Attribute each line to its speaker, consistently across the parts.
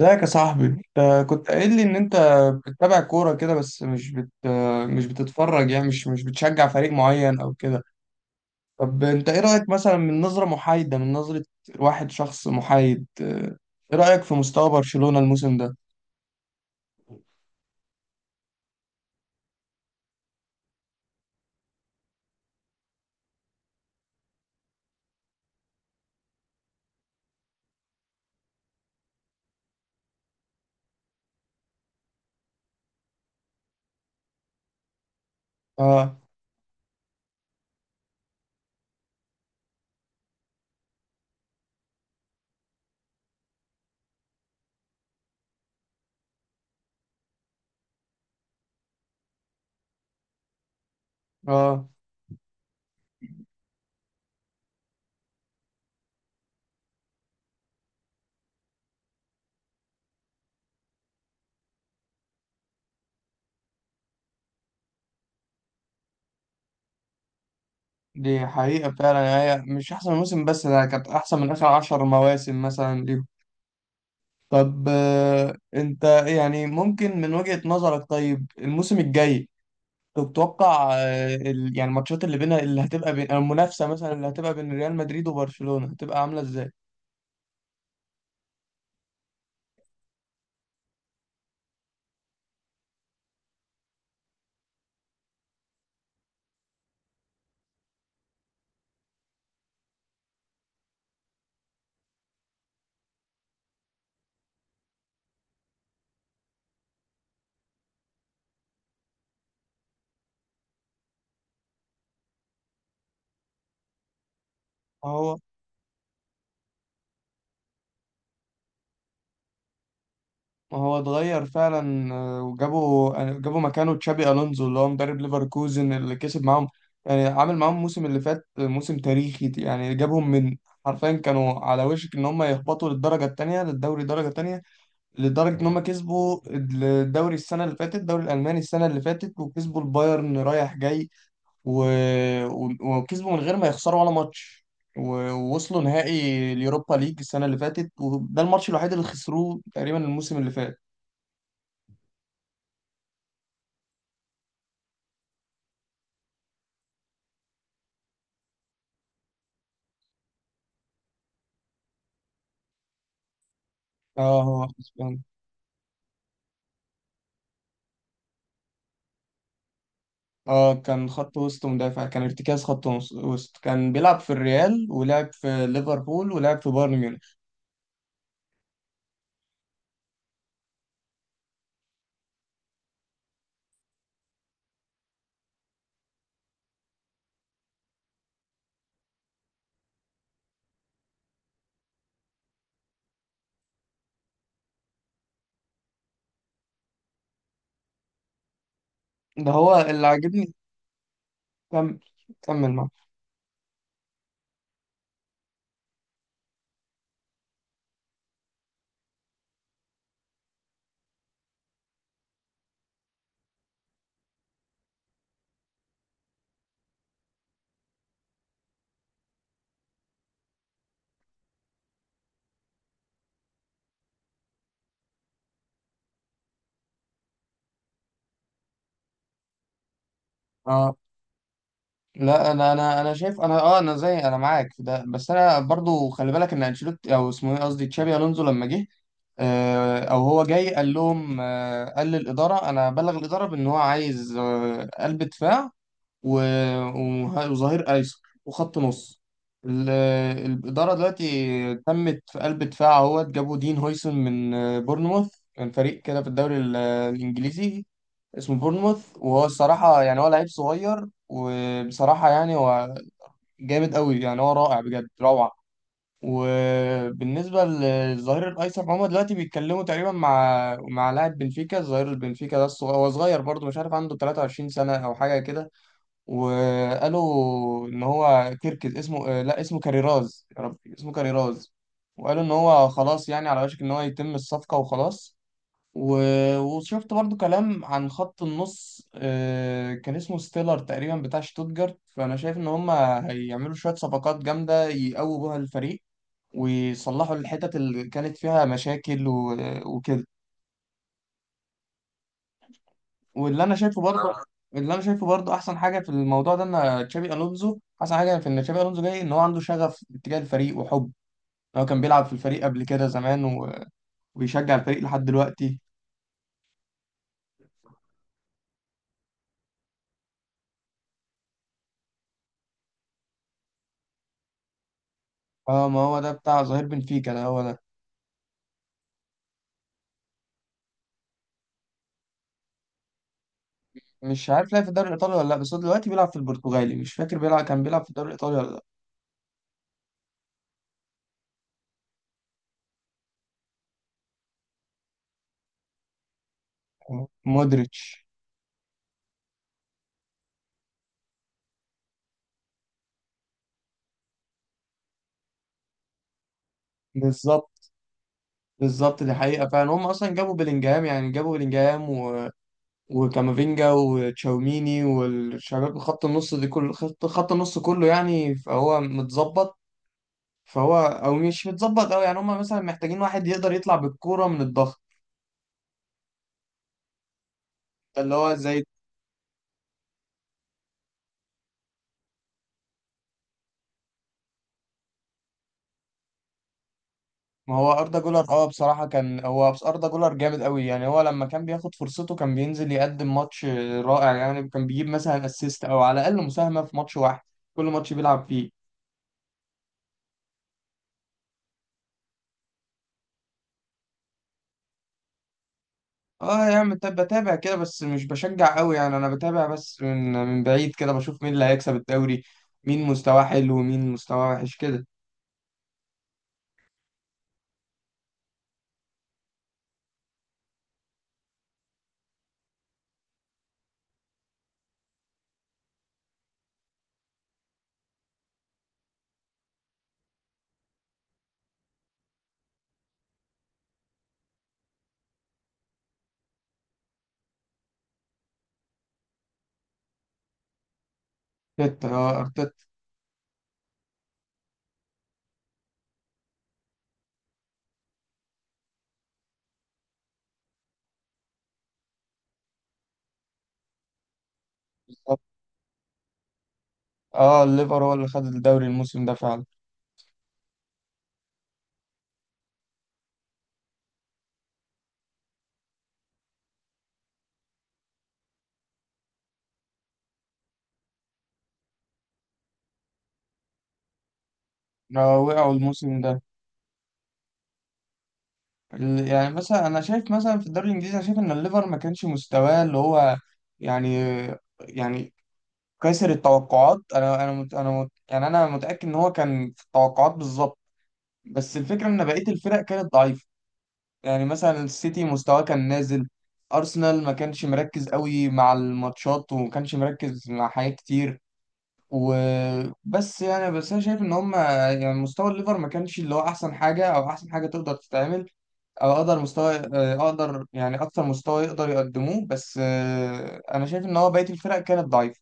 Speaker 1: ازيك يا صاحبي؟ انت كنت قايل لي ان انت بتتابع كورة كده، بس مش بتتفرج، يعني مش بتشجع فريق معين او كده. طب انت ايه رأيك، مثلا من نظرة محايدة، من نظرة واحد شخص محايد، ايه رأيك في مستوى برشلونة الموسم ده؟ اه، اه، دي حقيقة فعلا يعني، هي مش احسن موسم، بس ده كانت احسن من اخر عشر مواسم مثلا ليهم. طب انت يعني ممكن من وجهة نظرك، طيب الموسم الجاي، تتوقع يعني الماتشات اللي بينها، اللي هتبقى بين المنافسة، مثلا اللي هتبقى بين ريال مدريد وبرشلونة، هتبقى عاملة ازاي؟ ما هو ما هو اتغير فعلا، وجابوا آه، جابوا مكانه تشابي ألونزو اللي هو مدرب ليفركوزن اللي كسب معاهم، يعني عامل معاهم الموسم اللي فات موسم تاريخي، يعني جابهم حرفيا كانوا على وشك ان هم يهبطوا للدرجة التانية، للدوري الدرجة التانية، لدرجة ان هم كسبوا الدوري السنة اللي فاتت، الدوري الألماني السنة اللي فاتت، وكسبوا البايرن رايح جاي و... وكسبوا من غير ما يخسروا ولا ماتش ووصلوا نهائي اليوروبا ليج السنة اللي فاتت، وده الماتش الوحيد اللي خسروه تقريبا الموسم اللي فات. اه، هو اسباني. اه، كان خط وسط مدافع، كان ارتكاز خط وسط، كان بيلعب في الريال، ولعب في ليفربول، ولعب في بايرن ميونخ. ده هو اللي عاجبني. كمل، كمل معاه. اه، لا، انا شايف، انا زي معاك في ده، بس انا برضو خلي بالك ان انشيلوتي، او اسمه ايه، قصدي تشابي الونزو، لما جه او هو جاي قال لهم، قال للاداره، انا بلغ الاداره بان هو عايز قلب دفاع و- وظهير ايسر وخط نص. الاداره دلوقتي تمت في قلب دفاع، اهوت جابوا دين هويسن من بورنموث، كان فريق كده في الدوري الانجليزي اسمه بورنموث، وهو الصراحه يعني هو لعيب صغير، وبصراحه يعني هو جامد قوي، يعني هو رائع بجد روعه. وبالنسبة للظهير الأيسر، هما دلوقتي بيتكلموا تقريبا مع لاعب بنفيكا، الظهير البنفيكا ده هو صغير برضه، مش عارف عنده 23 سنة أو حاجة كده، وقالوا إن هو كيركز اسمه، لا اسمه كاريراز، يا ربي اسمه كاريراز، وقالوا إن هو خلاص يعني على وشك إن هو يتم الصفقة وخلاص وشفت برضو كلام عن خط النص، كان اسمه ستيلر تقريبا بتاع شتوتجارت، فأنا شايف إن هما هيعملوا شوية صفقات جامدة يقووا بيها الفريق، ويصلحوا الحتت اللي كانت فيها مشاكل وكده. واللي انا شايفه برضه آه. اللي انا شايفه برضه احسن حاجه في الموضوع ده ان تشابي الونزو، احسن حاجه في ان تشابي الونزو جاي ان هو عنده شغف اتجاه الفريق وحب، هو كان بيلعب في الفريق قبل كده زمان ويشجع الفريق لحد دلوقتي. اه، ما هو ده بتاع ظهير بنفيكا، ده هو ده. مش عارف لعب في الدوري الايطالي ولا لا، بس هو دلوقتي بيلعب في البرتغالي، مش فاكر بيلعب كان بيلعب في الدوري الايطالي ولا لا. مودريتش. بالظبط، بالظبط، دي حقيقه فعلا، هم اصلا جابوا بلينجهام، يعني جابوا بلينجهام وكامافينجا وتشاوميني والشباب، خط النص دي كل خط النص كله يعني فهو متظبط، فهو او مش متظبط قوي يعني، هم مثلا محتاجين واحد يقدر يطلع بالكوره من الضغط. ده اللي هو زي. ما هو اردا جولر، اه بصراحه كان هو، بس اردا جولر جامد قوي، يعني هو لما كان بياخد فرصته كان بينزل يقدم ماتش رائع، يعني كان بيجيب مثلا اسيست او على الاقل مساهمه في ماتش واحد كل ماتش بيلعب فيه. اه يا عم، بتابع بتابع كده بس مش بشجع قوي، يعني انا بتابع بس من بعيد كده، بشوف مين اللي هيكسب الدوري، مين مستواه حلو ومين مستواه وحش كده. ارتيتا، اه ارتيتا. بالظبط. اه، الليفر هو اللي خد الدوري الموسم ده فعلا. وقعوا الموسم ده. يعني مثلا انا شايف، مثلا في الدوري الانجليزي، انا شايف ان الليفر ما كانش مستواه اللي هو يعني يعني كسر التوقعات، انا انا مت انا مت يعني انا متاكد ان هو كان في التوقعات بالظبط، بس الفكره ان بقيه الفرق كانت ضعيفه، يعني مثلا السيتي مستواه كان نازل، ارسنال ما كانش مركز قوي مع الماتشات، وما كانش مركز مع حاجات كتير، وبس يعني بس انا شايف ان هم يعني مستوى الليفر ما كانش اللي هو احسن حاجه، او احسن حاجه تقدر تتعمل، او اقدر مستوى آه، اقدر يعني اكتر مستوى يقدر يقدموه، بس انا شايف ان هو بقيه الفرق كانت ضعيفه،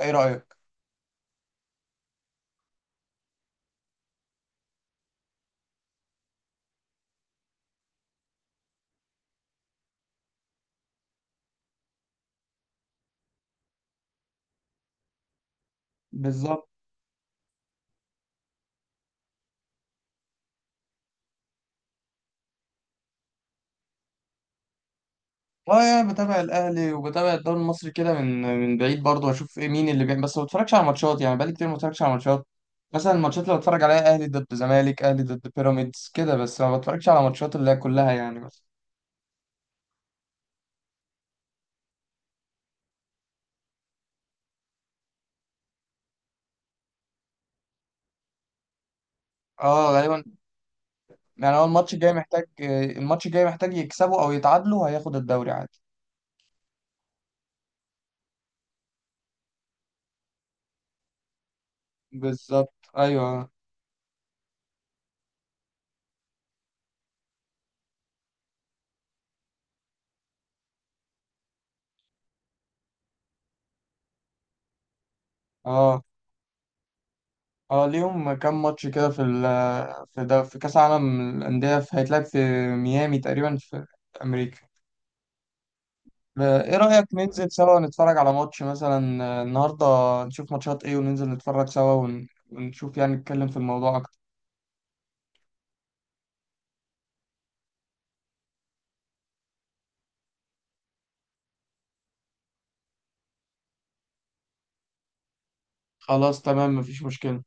Speaker 1: ايه رايك؟ بالظبط. اه، يعني بتابع الاهلي، وبتابع الدوري المصري كده من بعيد برضه، واشوف ايه مين اللي بيعمل، بس ما بتفرجش على ماتشات، يعني بقالي كتير ما بتفرجش على ماتشات، مثلا الماتشات اللي بتفرج عليها اهلي ضد زمالك، اهلي ضد بيراميدز كده، بس ما بتفرجش على ماتشات اللي هي كلها يعني بس. اه غالبا، يعني هو الماتش الجاي محتاج يكسبوا او يتعادلوا، هياخد الدوري عادي. بالظبط، ايوه. اه، اه، ليهم كام ماتش كده في ده في كاس عالم الانديه، هيتلعب في ميامي تقريبا في امريكا. ايه رأيك ننزل سوا نتفرج على ماتش مثلا النهارده، نشوف ماتشات ايه، وننزل نتفرج سوا ونشوف يعني، نتكلم في الموضوع اكتر. خلاص تمام، مفيش مشكلة.